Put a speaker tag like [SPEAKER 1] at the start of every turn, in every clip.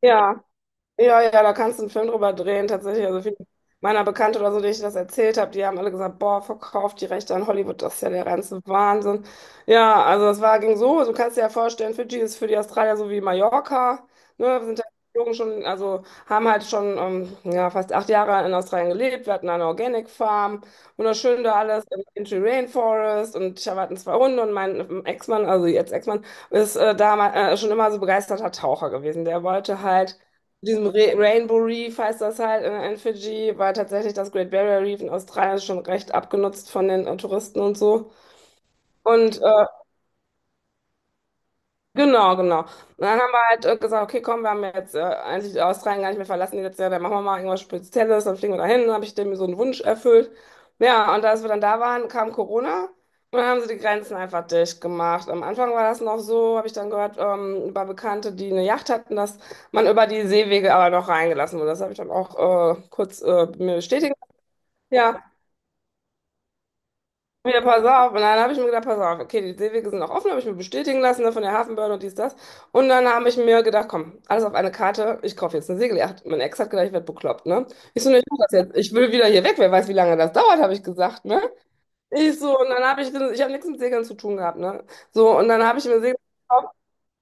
[SPEAKER 1] Ja, ja, ja, da kannst du einen Film drüber drehen, tatsächlich. Also viele meiner Bekannte oder so, denen ich das erzählt habe, die haben alle gesagt, boah, verkauft die Rechte an Hollywood, das ist ja der reinste Wahnsinn. Ja, also es war, ging so, du kannst dir ja vorstellen, Fidschi ist für die Australier so wie Mallorca, ne, wir sind ja geflogen schon, also haben halt schon ja, fast 8 Jahre in Australien gelebt, wir hatten eine Organic Farm, wunderschön da alles im Country Rainforest, und ich hatte zwei Hunde. Und mein Ex-Mann, also jetzt Ex-Mann, ist damals schon immer so begeisterter Taucher gewesen, der wollte halt diesem Re Rainbow Reef, heißt das halt in Fidschi, war tatsächlich das Great Barrier Reef in Australien schon recht abgenutzt von den Touristen und so. Und äh, Genau, genau. Und dann haben wir halt gesagt, okay, komm, wir haben ja jetzt eigentlich Australien gar nicht mehr verlassen die letzte Jahr, dann machen wir mal irgendwas Spezielles, dann fliegen wir dahin, dann habe ich dem so einen Wunsch erfüllt. Ja, und als wir dann da waren, kam Corona und dann haben sie die Grenzen einfach dicht gemacht. Am Anfang war das noch so, habe ich dann gehört, über Bekannte, die eine Yacht hatten, dass man über die Seewege aber noch reingelassen wurde. Das habe ich dann auch kurz mir bestätigen lassen. Ja, wieder, pass auf. Und dann habe ich mir gedacht, pass auf, okay, die Seewege sind noch offen, habe ich mir bestätigen lassen, ne, von der Hafenbehörde und dies, das. Und dann habe ich mir gedacht, komm, alles auf eine Karte, ich kaufe jetzt eine Segeljagd. Mein Ex hat gedacht, ich werde bekloppt, ne? Ich so, ne, ich mach das jetzt. Ich will wieder hier weg, wer weiß, wie lange das dauert, habe ich gesagt, ne? Ich so, und dann ich habe nichts mit Segeln zu tun gehabt, ne? So, und dann habe ich mir Segel.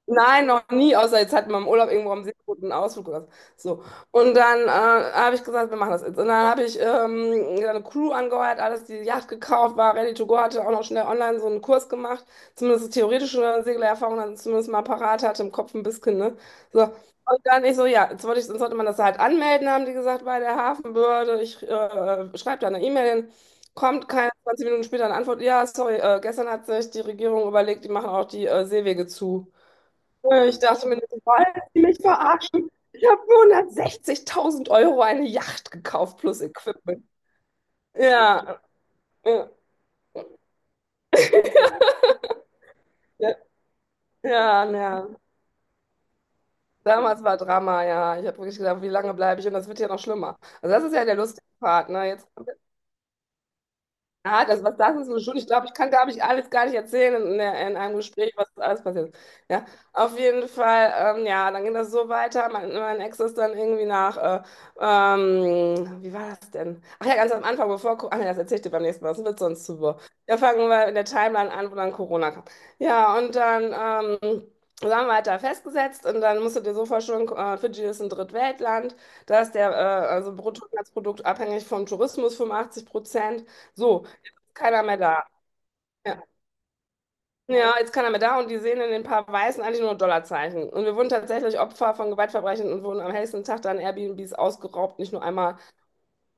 [SPEAKER 1] Nein, noch nie, außer jetzt hatten wir im Urlaub irgendwo am See einen Ausflug oder so. So. Und dann habe ich gesagt, wir machen das jetzt. Und dann habe ich eine Crew angeheuert, alles die Yacht gekauft, war ready to go, hatte auch noch schnell online so einen Kurs gemacht, zumindest theoretische Segelerfahrung dann zumindest mal parat hatte im Kopf ein bisschen, ne? So. Und dann ich so, ja, jetzt wollte ich, sonst sollte man das halt anmelden, haben die gesagt, bei der Hafenbehörde. Ich schreibe da eine E-Mail hin. Kommt keine 20 Minuten später eine Antwort. Ja, sorry, gestern hat sich die Regierung überlegt, die machen auch die Seewege zu. Ich dachte mir, wollen die mich verarschen? Ich habe für 160.000 Euro eine Yacht gekauft plus Equipment. Ja, ja, ja, ja, ja. Damals war Drama, ja. Ich habe wirklich gedacht, wie lange bleibe ich? Und das wird ja noch schlimmer. Also das ist ja der lustige Part, ne? Jetzt, ah, das, was das ist, so schon. Ich glaube, ich kann gar nicht alles gar nicht erzählen in, in einem Gespräch, was alles passiert ist. Ja, auf jeden Fall, ja, dann ging das so weiter. Mein Ex ist dann irgendwie nach, wie war das denn? Ach ja, ganz am Anfang, bevor, ach nee, das erzähl ich dir beim nächsten Mal, das wird sonst zu wirr. Ja, fangen wir in der Timeline an, wo dann Corona kam. Ja, und dann, so haben wir halt da festgesetzt, und dann musst du dir so vorstellen, Fidschi ist ein Drittweltland, da ist der also Bruttoinlandsprodukt abhängig vom Tourismus 85%. So, keiner mehr da. Ja. Ja, jetzt keiner mehr da und die sehen in den paar Weißen eigentlich nur Dollarzeichen. Und wir wurden tatsächlich Opfer von Gewaltverbrechen und wurden am hellsten Tag dann Airbnbs ausgeraubt, nicht nur einmal,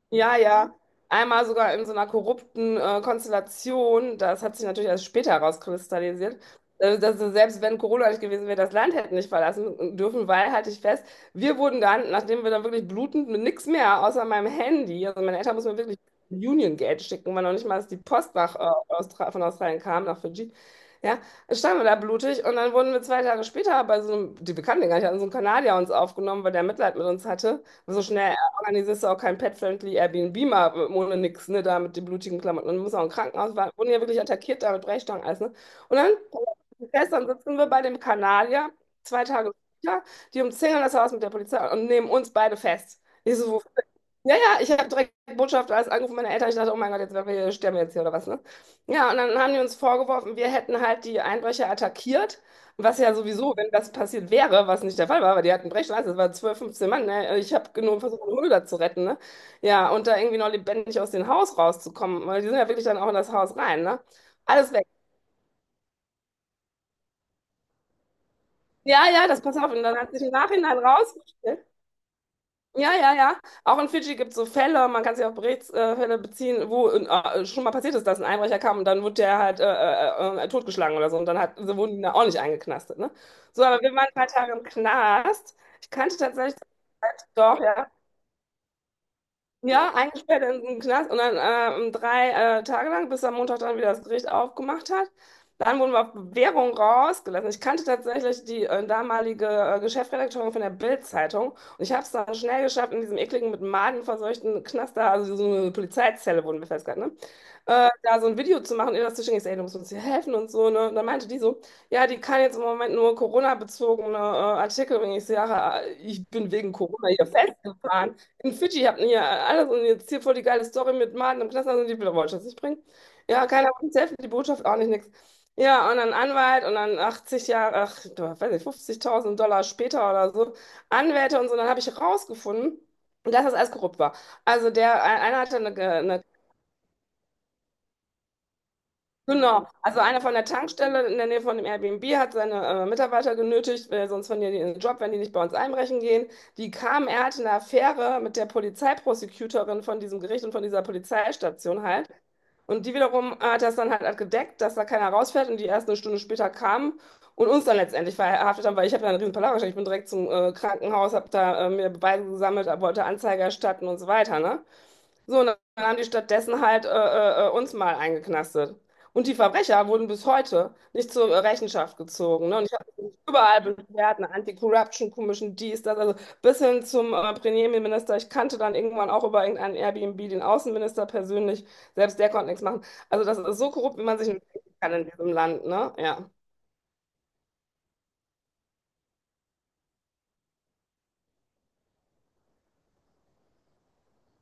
[SPEAKER 1] ja, ja. Einmal sogar in so einer korrupten Konstellation. Das hat sich natürlich erst später herauskristallisiert. Dass, selbst wenn Corona nicht gewesen wäre, das Land hätten nicht verlassen dürfen, weil, halte ich fest, wir wurden dann, nachdem wir dann wirklich blutend mit nichts mehr außer meinem Handy, also meine Eltern mussten mir wirklich Union Geld schicken, weil noch nicht mal dass die Post nach, Austra von Australien kam, nach Fidschi. Ja, standen wir da blutig, und dann wurden wir 2 Tage später bei so einem, die Bekannten gar nicht hatten, so einem Kanadier uns aufgenommen, weil der Mitleid mit uns hatte. So schnell organisierst du auch kein pet-friendly Airbnb mal ohne nix, ne, da mit den blutigen Klamotten. Und du musst auch im Krankenhaus, waren, wurden ja wirklich attackiert da mit Brechstangen, alles, ne? Und dann, gestern sitzen wir bei dem Kanadier, 2 Tage später, die umzingeln das Haus mit der Polizei und nehmen uns beide fest. Ich so, ja, ja, ich habe direkt Botschaft alles angerufen, meine Eltern. Ich dachte, oh mein Gott, jetzt wir sterben wir jetzt hier oder was, ne? Ja, und dann haben die uns vorgeworfen, wir hätten halt die Einbrecher attackiert. Was ja sowieso, wenn das passiert wäre, was nicht der Fall war, weil die hatten Brechschleife, das waren 12, 15 Mann, ne? Ich habe nur versucht, meine Hunde da zu retten, ne? Ja, und da irgendwie noch lebendig aus dem Haus rauszukommen, weil die sind ja wirklich dann auch in das Haus rein, ne? Alles weg. Ja, ja, das, pass auf. Und dann hat sich im Nachhinein rausgestellt, ja, ja, ja. Auch in Fidschi gibt es so Fälle, man kann sich auf Berichtsfälle beziehen, wo schon mal passiert ist, dass ein Einbrecher kam und dann wurde der halt totgeschlagen oder so, und dann hat, so wurden die da auch nicht eingeknastet, ne? So, aber wir waren ein paar Tage im Knast. Ich kannte tatsächlich, doch, ja. Ja, eingesperrt in den Knast, und dann um 3 Tage lang, bis am Montag dann wieder das Gericht aufgemacht hat. Dann wurden wir auf Bewährung rausgelassen. Ich kannte tatsächlich die damalige Geschäftsredakteurin von der Bild-Zeitung, und ich habe es dann schnell geschafft, in diesem ekligen, mit Maden verseuchten Knast da, also so eine Polizeizelle wurden wir festgehalten, ne, da so ein Video zu machen, ihr das zu schicken. Ich sag, ey, du musst uns hier helfen und so, ne? Und dann meinte die so, ja, die kann jetzt im Moment nur Corona-bezogene Artikel, wenn ich sage, ich bin wegen Corona hier festgefahren. In Fidschi hatten hier alles und jetzt hier voll die geile Story mit Martin im Knast, also die Bilder wollte ich das nicht bringen. Ja, keiner wollte uns helfen, die Botschaft auch nicht, nix. Ja, und dann Anwalt und dann 80 Jahre, ach, du, weiß nicht, $50.000 später oder so, Anwälte und so, dann habe ich rausgefunden, dass das alles korrupt war. Also der, einer hatte eine. Genau, also einer von der Tankstelle in der Nähe von dem Airbnb hat seine Mitarbeiter genötigt, weil sonst verlieren die ihren Job, wenn die nicht bei uns einbrechen gehen. Die kamen, er hatte eine Affäre mit der Polizeiprosecutorin von diesem Gericht und von dieser Polizeistation halt. Und die wiederum hat das dann halt gedeckt, dass da keiner rausfährt und die erst eine Stunde später kamen und uns dann letztendlich verhaftet haben, weil ich habe ja einen riesen Palaver gestellt. Ich bin direkt zum Krankenhaus, habe da mir Beweise gesammelt, wollte Anzeige erstatten und so weiter, ne? So, und dann haben die stattdessen halt uns mal eingeknastet. Und die Verbrecher wurden bis heute nicht zur Rechenschaft gezogen. Ne? Und ich habe mich überall beschwert, eine Anti-Corruption Commission, dies, das, also bis hin zum Premierminister. Ich kannte dann irgendwann auch über irgendeinen Airbnb den Außenminister persönlich. Selbst der konnte nichts machen. Also das ist so korrupt, wie man sich nicht denken kann in diesem Land. Ne? Ja.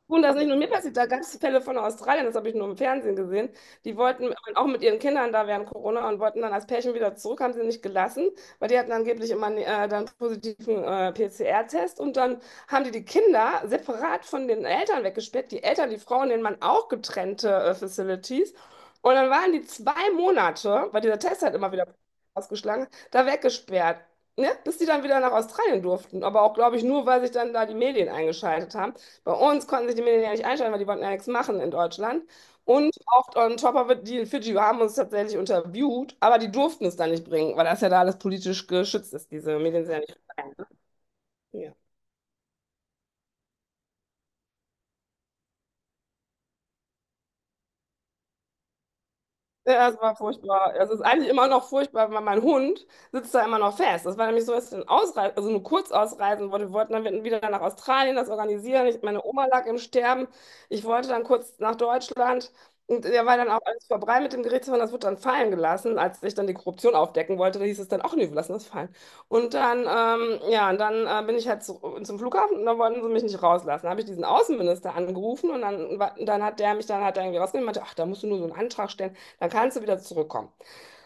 [SPEAKER 1] Und das nicht nur mir passiert, da gab es Fälle von Australien, das habe ich nur im Fernsehen gesehen. Die wollten auch mit ihren Kindern da während Corona und wollten dann als Pärchen wieder zurück, haben sie nicht gelassen, weil die hatten angeblich immer dann positiven PCR-Test, und dann haben die die Kinder separat von den Eltern weggesperrt, die Eltern, die Frauen, den Mann auch getrennte Facilities. Und dann waren die 2 Monate, weil dieser Test hat immer wieder ausgeschlagen, hat, da weggesperrt. Ne? Bis die dann wieder nach Australien durften. Aber auch, glaube ich, nur, weil sich dann da die Medien eingeschaltet haben. Bei uns konnten sich die Millionäre nicht einschalten, weil die wollten ja nichts machen in Deutschland. Und oft on top of it, die in Fidschi haben uns tatsächlich interviewt, aber die durften es dann nicht bringen, weil das ja da alles politisch geschützt ist, diese Medien sind ja nicht frei. Ja. Ja, es war furchtbar. Also, es ist eigentlich immer noch furchtbar, weil mein Hund sitzt da immer noch fest. Das war nämlich so, dass ich dann ausreisen, also nur kurz ausreisen wollte. Wir wollten dann wieder nach Australien das organisieren. Ich, meine Oma lag im Sterben. Ich wollte dann kurz nach Deutschland. Und der war dann auch alles vorbei mit dem Gerichtsverfahren. Das wurde dann fallen gelassen. Als ich dann die Korruption aufdecken wollte, da hieß es dann auch, nee, wir lassen das fallen. Und dann, ja, und dann bin ich halt zum Flughafen, und dann wollten sie mich nicht rauslassen. Da habe ich diesen Außenminister angerufen, und dann, dann hat der mich dann hat er irgendwie rausgenommen und meinte, ach, da musst du nur so einen Antrag stellen, dann kannst du wieder zurückkommen.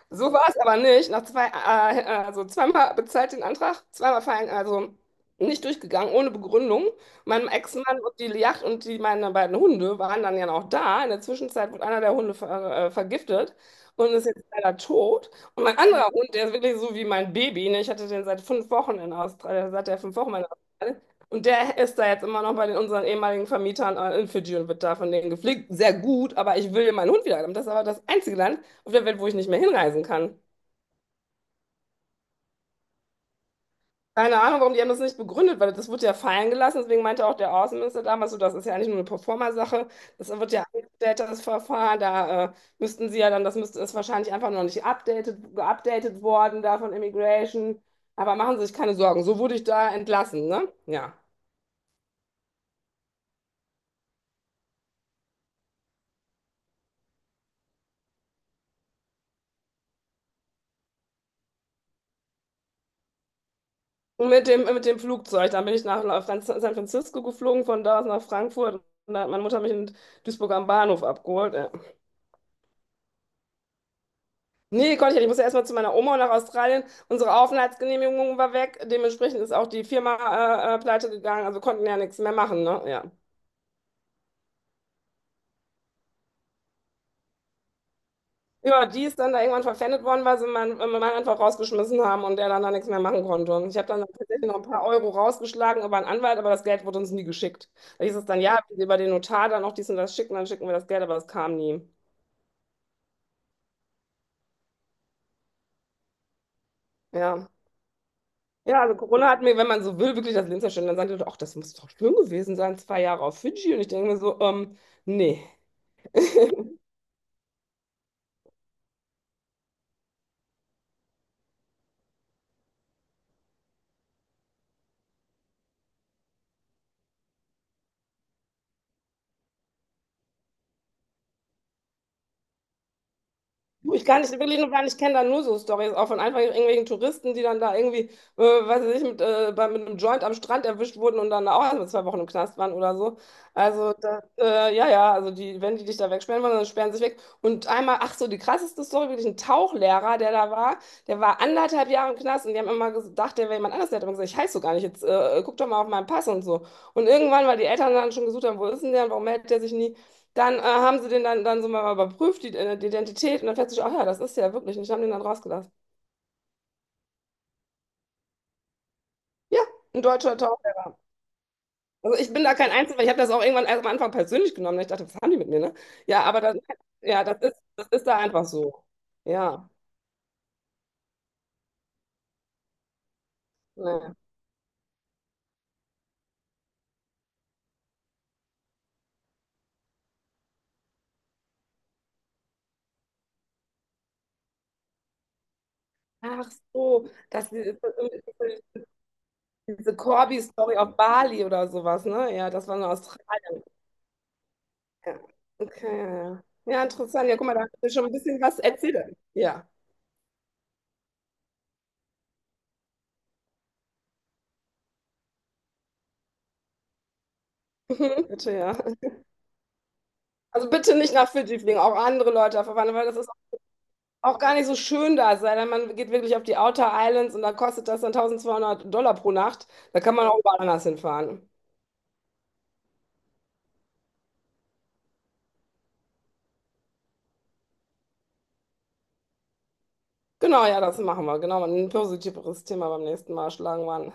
[SPEAKER 1] So war es aber nicht. Nach zwei, also zweimal bezahlt den Antrag, zweimal fallen, also nicht durchgegangen, ohne Begründung. Mein Ex-Mann und die Yacht und die, meine beiden Hunde waren dann ja noch da. In der Zwischenzeit wurde einer der Hunde vergiftet und ist jetzt leider tot. Und mein anderer Hund, der ist wirklich so wie mein Baby, ne? Ich hatte den seit fünf Wochen in Australien, seit der fünf Wochen in Australien. Und der ist da jetzt immer noch bei den, unseren ehemaligen Vermietern in Fidschi, und wird da von denen gepflegt. Sehr gut, aber ich will meinen Hund wieder haben. Das ist aber das einzige Land auf der Welt, wo ich nicht mehr hinreisen kann. Keine Ahnung, warum, die haben das nicht begründet, weil das wurde ja fallen gelassen. Deswegen meinte auch der Außenminister damals so, das ist ja eigentlich nur eine Proforma-Sache. Das wird ja angestellt, das Verfahren. Da müssten sie ja dann, das müsste, ist wahrscheinlich einfach noch nicht updated, geupdatet worden da von Immigration. Aber machen Sie sich keine Sorgen. So wurde ich da entlassen, ne? Ja. Und mit dem Flugzeug, dann bin ich nach San Francisco geflogen, von da aus nach Frankfurt. Und da hat meine Mutter mich in Duisburg am Bahnhof abgeholt. Ja. Nee, konnte ich nicht. Ich musste erstmal zu meiner Oma nach Australien. Unsere Aufenthaltsgenehmigung war weg. Dementsprechend ist auch die Firma pleite gegangen. Also konnten ja nichts mehr machen, ne? Ja. Ja, die ist dann da irgendwann verpfändet worden, weil sie meinen Mann einfach rausgeschmissen haben und der dann da nichts mehr machen konnte. Und ich habe dann tatsächlich noch ein paar Euro rausgeschlagen über einen Anwalt, aber das Geld wurde uns nie geschickt. Da hieß es dann, ja, wenn Sie über den Notar dann noch dies und das schicken, dann schicken wir das Geld, aber das kam nie. Ja. Ja, also Corona hat mir, wenn man so will, wirklich das Leben zerstört. Dann sagen die Leute, ach, das muss doch schön gewesen sein, zwei Jahre auf Fidschi. Und ich denke mir so, nee. Du, ich kann nicht wirklich, nur gar nicht, kennen da nur so Stories auch von einfach irgendwelchen Touristen, die dann da irgendwie, weiß ich nicht, mit einem Joint am Strand erwischt wurden und dann auch erstmal zwei Wochen im Knast waren oder so. Also da, ja, also die, wenn die dich da wegsperren wollen, dann sperren sie sich weg. Und einmal, ach so, die krasseste Story, wirklich ein Tauchlehrer, der da war, der war anderthalb Jahre im Knast, und die haben immer gedacht, der wäre jemand anders. Der hat immer gesagt, ich heiße so gar nicht, jetzt guck doch mal auf meinen Pass und so. Und irgendwann, weil die Eltern dann schon gesucht haben, wo ist denn der und warum meldet der sich nie? Dann haben sie den dann, dann so mal überprüft, die, die Identität, und dann festgestellt, ach ja, das ist ja wirklich nicht. Haben den dann rausgelassen. Ja, ein deutscher Taucher. Also ich bin da kein Einzelfall, ich habe das auch irgendwann erst am Anfang persönlich genommen. Ich dachte, was haben die mit mir, ne? Ja, aber das, ja, das ist da einfach so. Ja. Ne. Ach so, das ist diese diese Corby-Story auf Bali oder sowas, ne? Ja, das war in Australien. Ja. Okay. Ja, ja. Ja, interessant. Ja, guck mal, da hast du schon ein bisschen was erzählt. Ja. Bitte, ja. Also bitte nicht nach Fidschi fliegen, auch andere Leute verwandeln, weil das ist auch gar nicht so schön da, es sei denn, man geht wirklich auf die Outer Islands, und da kostet das dann 1200 $ pro Nacht. Da kann man auch überall anders hinfahren. Genau, ja, das machen wir. Genau, ein positiveres Thema beim nächsten Mal schlagen wir an.